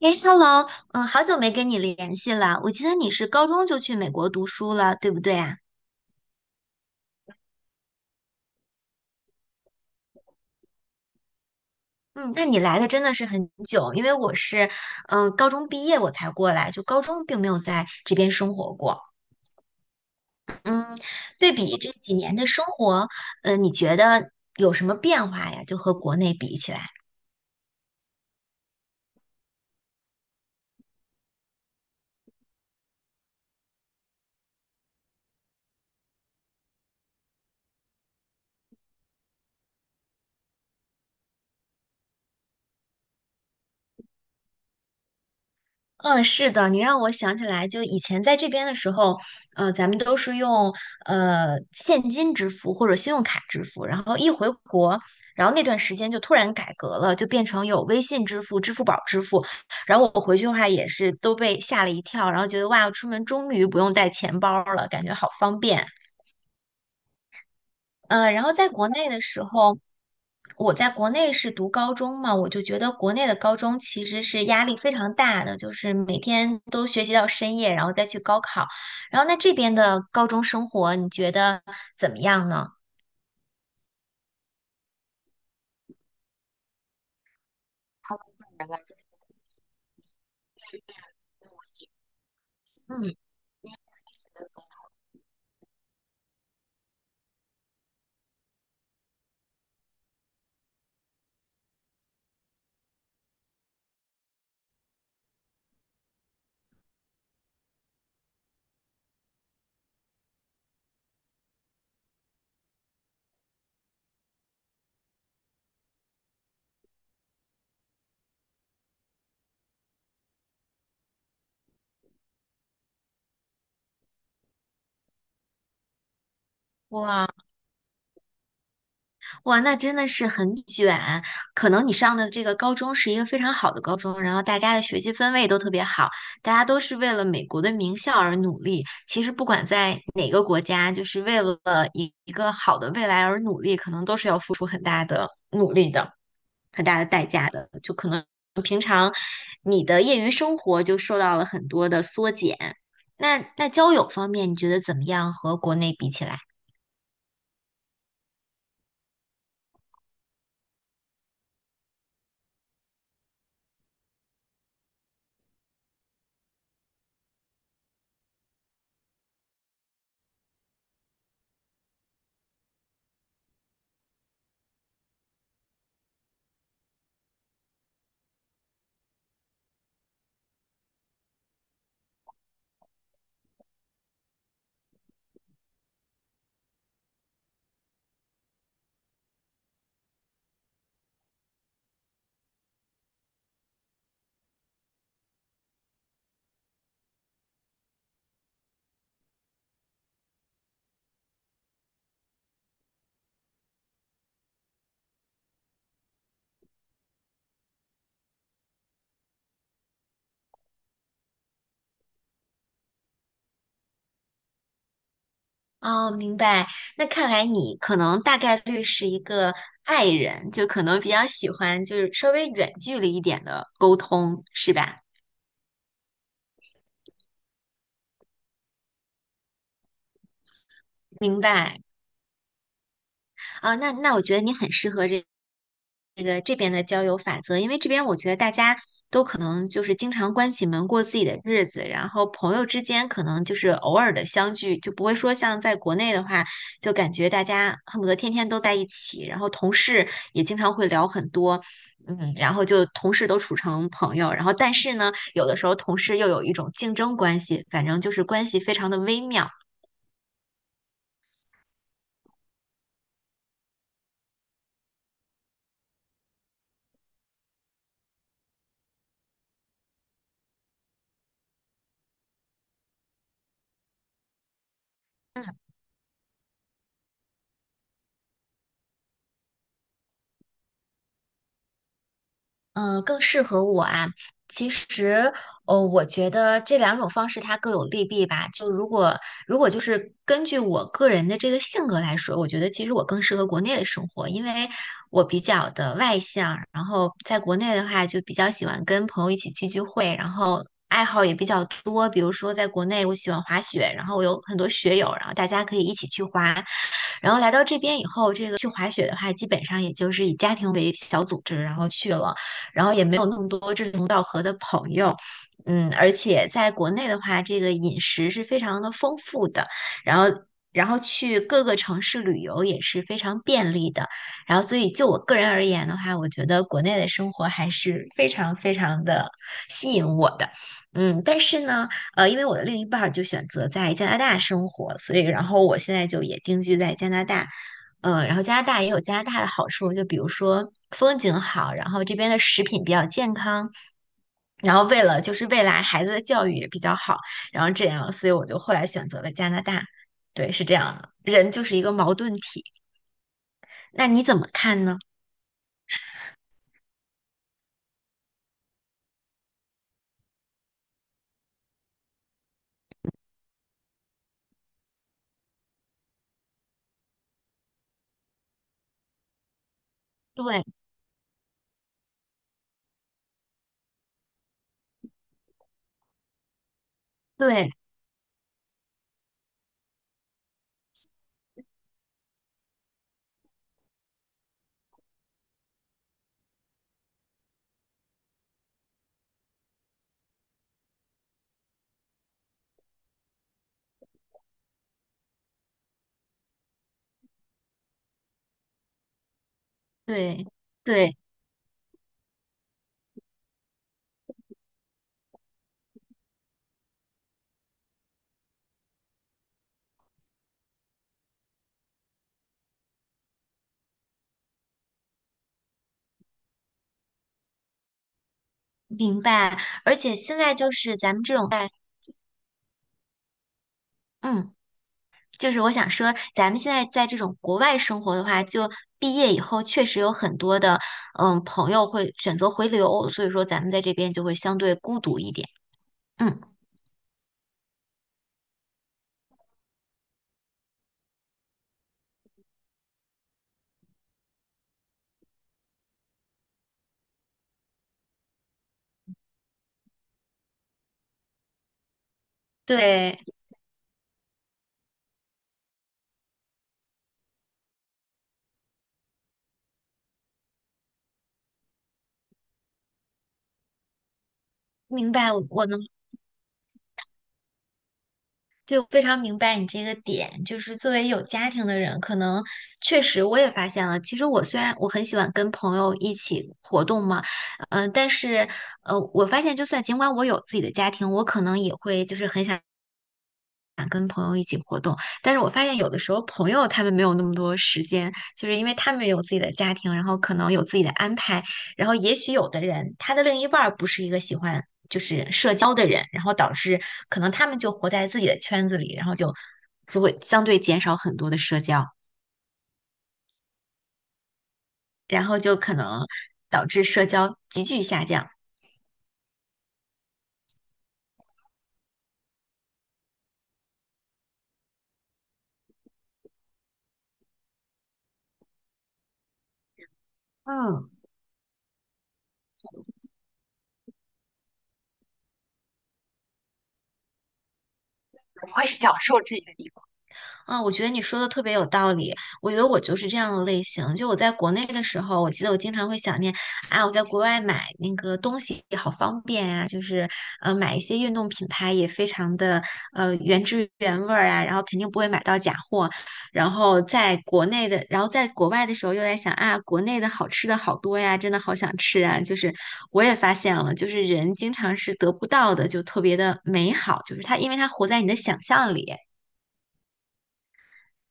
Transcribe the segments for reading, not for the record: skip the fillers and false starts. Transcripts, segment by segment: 哎，Hello，好久没跟你联系了。我记得你是高中就去美国读书了，对不对啊？嗯，那你来的真的是很久，因为我是，嗯，高中毕业我才过来，就高中并没有在这边生活过。嗯，对比这几年的生活，嗯，你觉得有什么变化呀？就和国内比起来。嗯，是的，你让我想起来，就以前在这边的时候，咱们都是用现金支付或者信用卡支付，然后一回国，然后那段时间就突然改革了，就变成有微信支付、支付宝支付，然后我回去的话也是都被吓了一跳，然后觉得哇，出门终于不用带钱包了，感觉好方便。然后在国内的时候，我在国内是读高中嘛，我就觉得国内的高中其实是压力非常大的，就是每天都学习到深夜，然后再去高考。然后那这边的高中生活，你觉得怎么样呢？嗯，哇。哇，那真的是很卷。可能你上的这个高中是一个非常好的高中，然后大家的学习氛围都特别好，大家都是为了美国的名校而努力。其实不管在哪个国家，就是为了一个好的未来而努力，可能都是要付出很大的努力的。很大的代价的，就可能你的业余生活就受到了很多的缩减。那交友方面，你觉得怎么样？和国内比起来？哦，明白。那看来你可能大概率是一个 i 人，就可能比较喜欢就是稍微远距离一点的沟通，是吧？明白。啊，那我觉得你很适合这个这边的交友法则，因为这边我觉得大家都可能就是经常关起门过自己的日子，然后朋友之间可能就是偶尔的相聚，就不会说像在国内的话，就感觉大家恨不得天天都在一起，然后同事也经常会聊很多，嗯，然后就同事都处成朋友，然后但是呢，有的时候同事又有一种竞争关系，反正就是关系非常的微妙。嗯，更适合我啊。其实，哦，我觉得这两种方式它各有利弊吧。就如果如果就是根据我个人的这个性格来说，我觉得其实我更适合国内的生活，因为我比较的外向，然后在国内的话就比较喜欢跟朋友一起聚聚会，然后爱好也比较多。比如说在国内，我喜欢滑雪，然后我有很多雪友，然后大家可以一起去滑。然后来到这边以后，这个去滑雪的话，基本上也就是以家庭为小组织，然后去了。然后也没有那么多志同道合的朋友。嗯，而且在国内的话，这个饮食是非常的丰富的，然后然后去各个城市旅游也是非常便利的。然后，所以就我个人而言的话，我觉得国内的生活还是非常非常的吸引我的。嗯，但是呢，呃，因为我的另一半儿就选择在加拿大生活，所以然后我现在就也定居在加拿大。嗯，然后加拿大也有加拿大的好处，就比如说风景好，然后这边的食品比较健康，然后为了就是未来孩子的教育也比较好，然后这样，所以我就后来选择了加拿大。对，是这样的，人就是一个矛盾体。那你怎么看呢？对对对对，明白。而且现在就是咱们这种在，嗯。就是我想说，咱们现在在这种国外生活的话，就毕业以后确实有很多的，嗯，朋友会选择回流，所以说咱们在这边就会相对孤独一点。嗯，对，明白，我能，就非常明白你这个点。就是作为有家庭的人，可能确实我也发现了，其实虽然我很喜欢跟朋友一起活动嘛，嗯、但是呃，我发现就算尽管我有自己的家庭，我可能也会就是很想。但是我发现有的时候朋友他们没有那么多时间，就是因为他们也有自己的家庭，然后可能有自己的安排，然后也许有的人他的另一半儿不是一个喜欢就是社交的人，然后导致可能他们就活在自己的圈子里，然后就会相对减少很多的社交，然后就可能导致社交急剧下降。嗯。啊，我觉得你说的特别有道理。我觉得我就是这样的类型。就我在国内的时候，我记得我经常会想念啊，我在国外买那个东西好方便啊，就是呃买一些运动品牌也非常的呃原汁原味儿啊，然后肯定不会买到假货。然后在国内的，然后在国外的时候又在想啊，国内的好吃的好多呀，真的好想吃啊。就是我也发现了，就是人经常是得不到的，就特别的美好，就是它因为它活在你的想象里。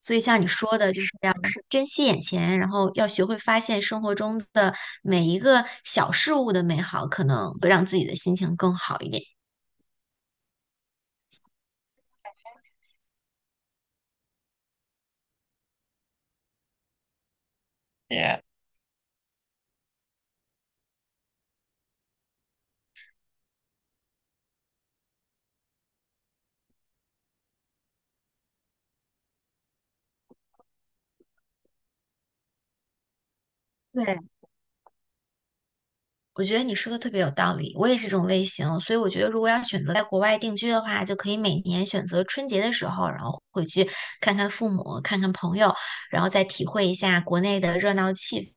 所以像你说的，就是要是珍惜眼前，然后要学会发现生活中的每一个小事物的美好，可能会让自己的心情更好一点。对，我觉得你说的特别有道理，我也是这种类型，所以我觉得如果要选择在国外定居的话，就可以每年选择春节的时候，然后回去看看父母，看看朋友，然后再体会一下国内的热闹气氛。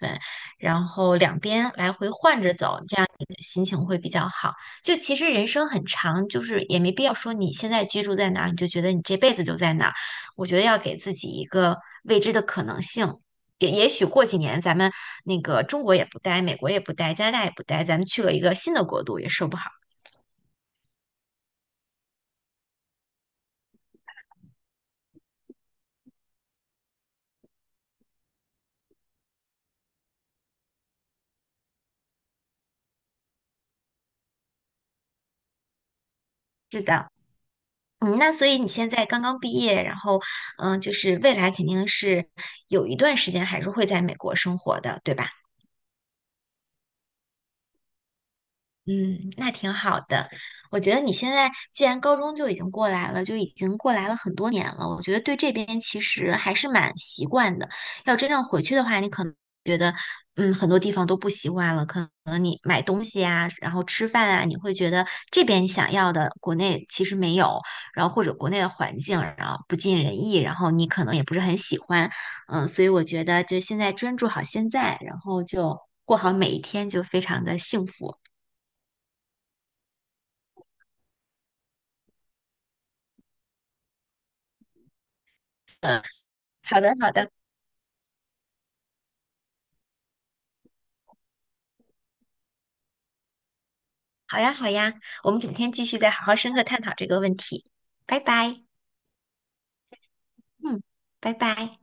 分，然后两边来回换着走，这样你的心情会比较好。就其实人生很长，就是也没必要说你现在居住在哪儿，你就觉得你这辈子就在哪儿。我觉得要给自己一个未知的可能性。也也许过几年咱们那个中国也不待，美国也不待，加拿大也不待，咱们去了一个新的国度也说不好。是的，嗯，那所以你现在刚刚毕业，然后嗯，就是未来肯定是有一段时间还是会在美国生活的，对吧？嗯，那挺好的。我觉得你现在既然高中就已经过来了，就已经过来了很多年了，我觉得对这边其实还是蛮习惯的。要真正回去的话，你可能觉得，嗯，很多地方都不习惯了。可能你买东西啊，然后吃饭啊，你会觉得这边你想要的国内其实没有，然后或者国内的环境然后不尽人意，然后你可能也不是很喜欢。嗯，所以我觉得就现在专注好现在，然后就过好每一天，就非常的幸福。好的，好的，好呀，好呀，我们改天继续再好好深刻探讨这个问题。拜拜，嗯，拜拜。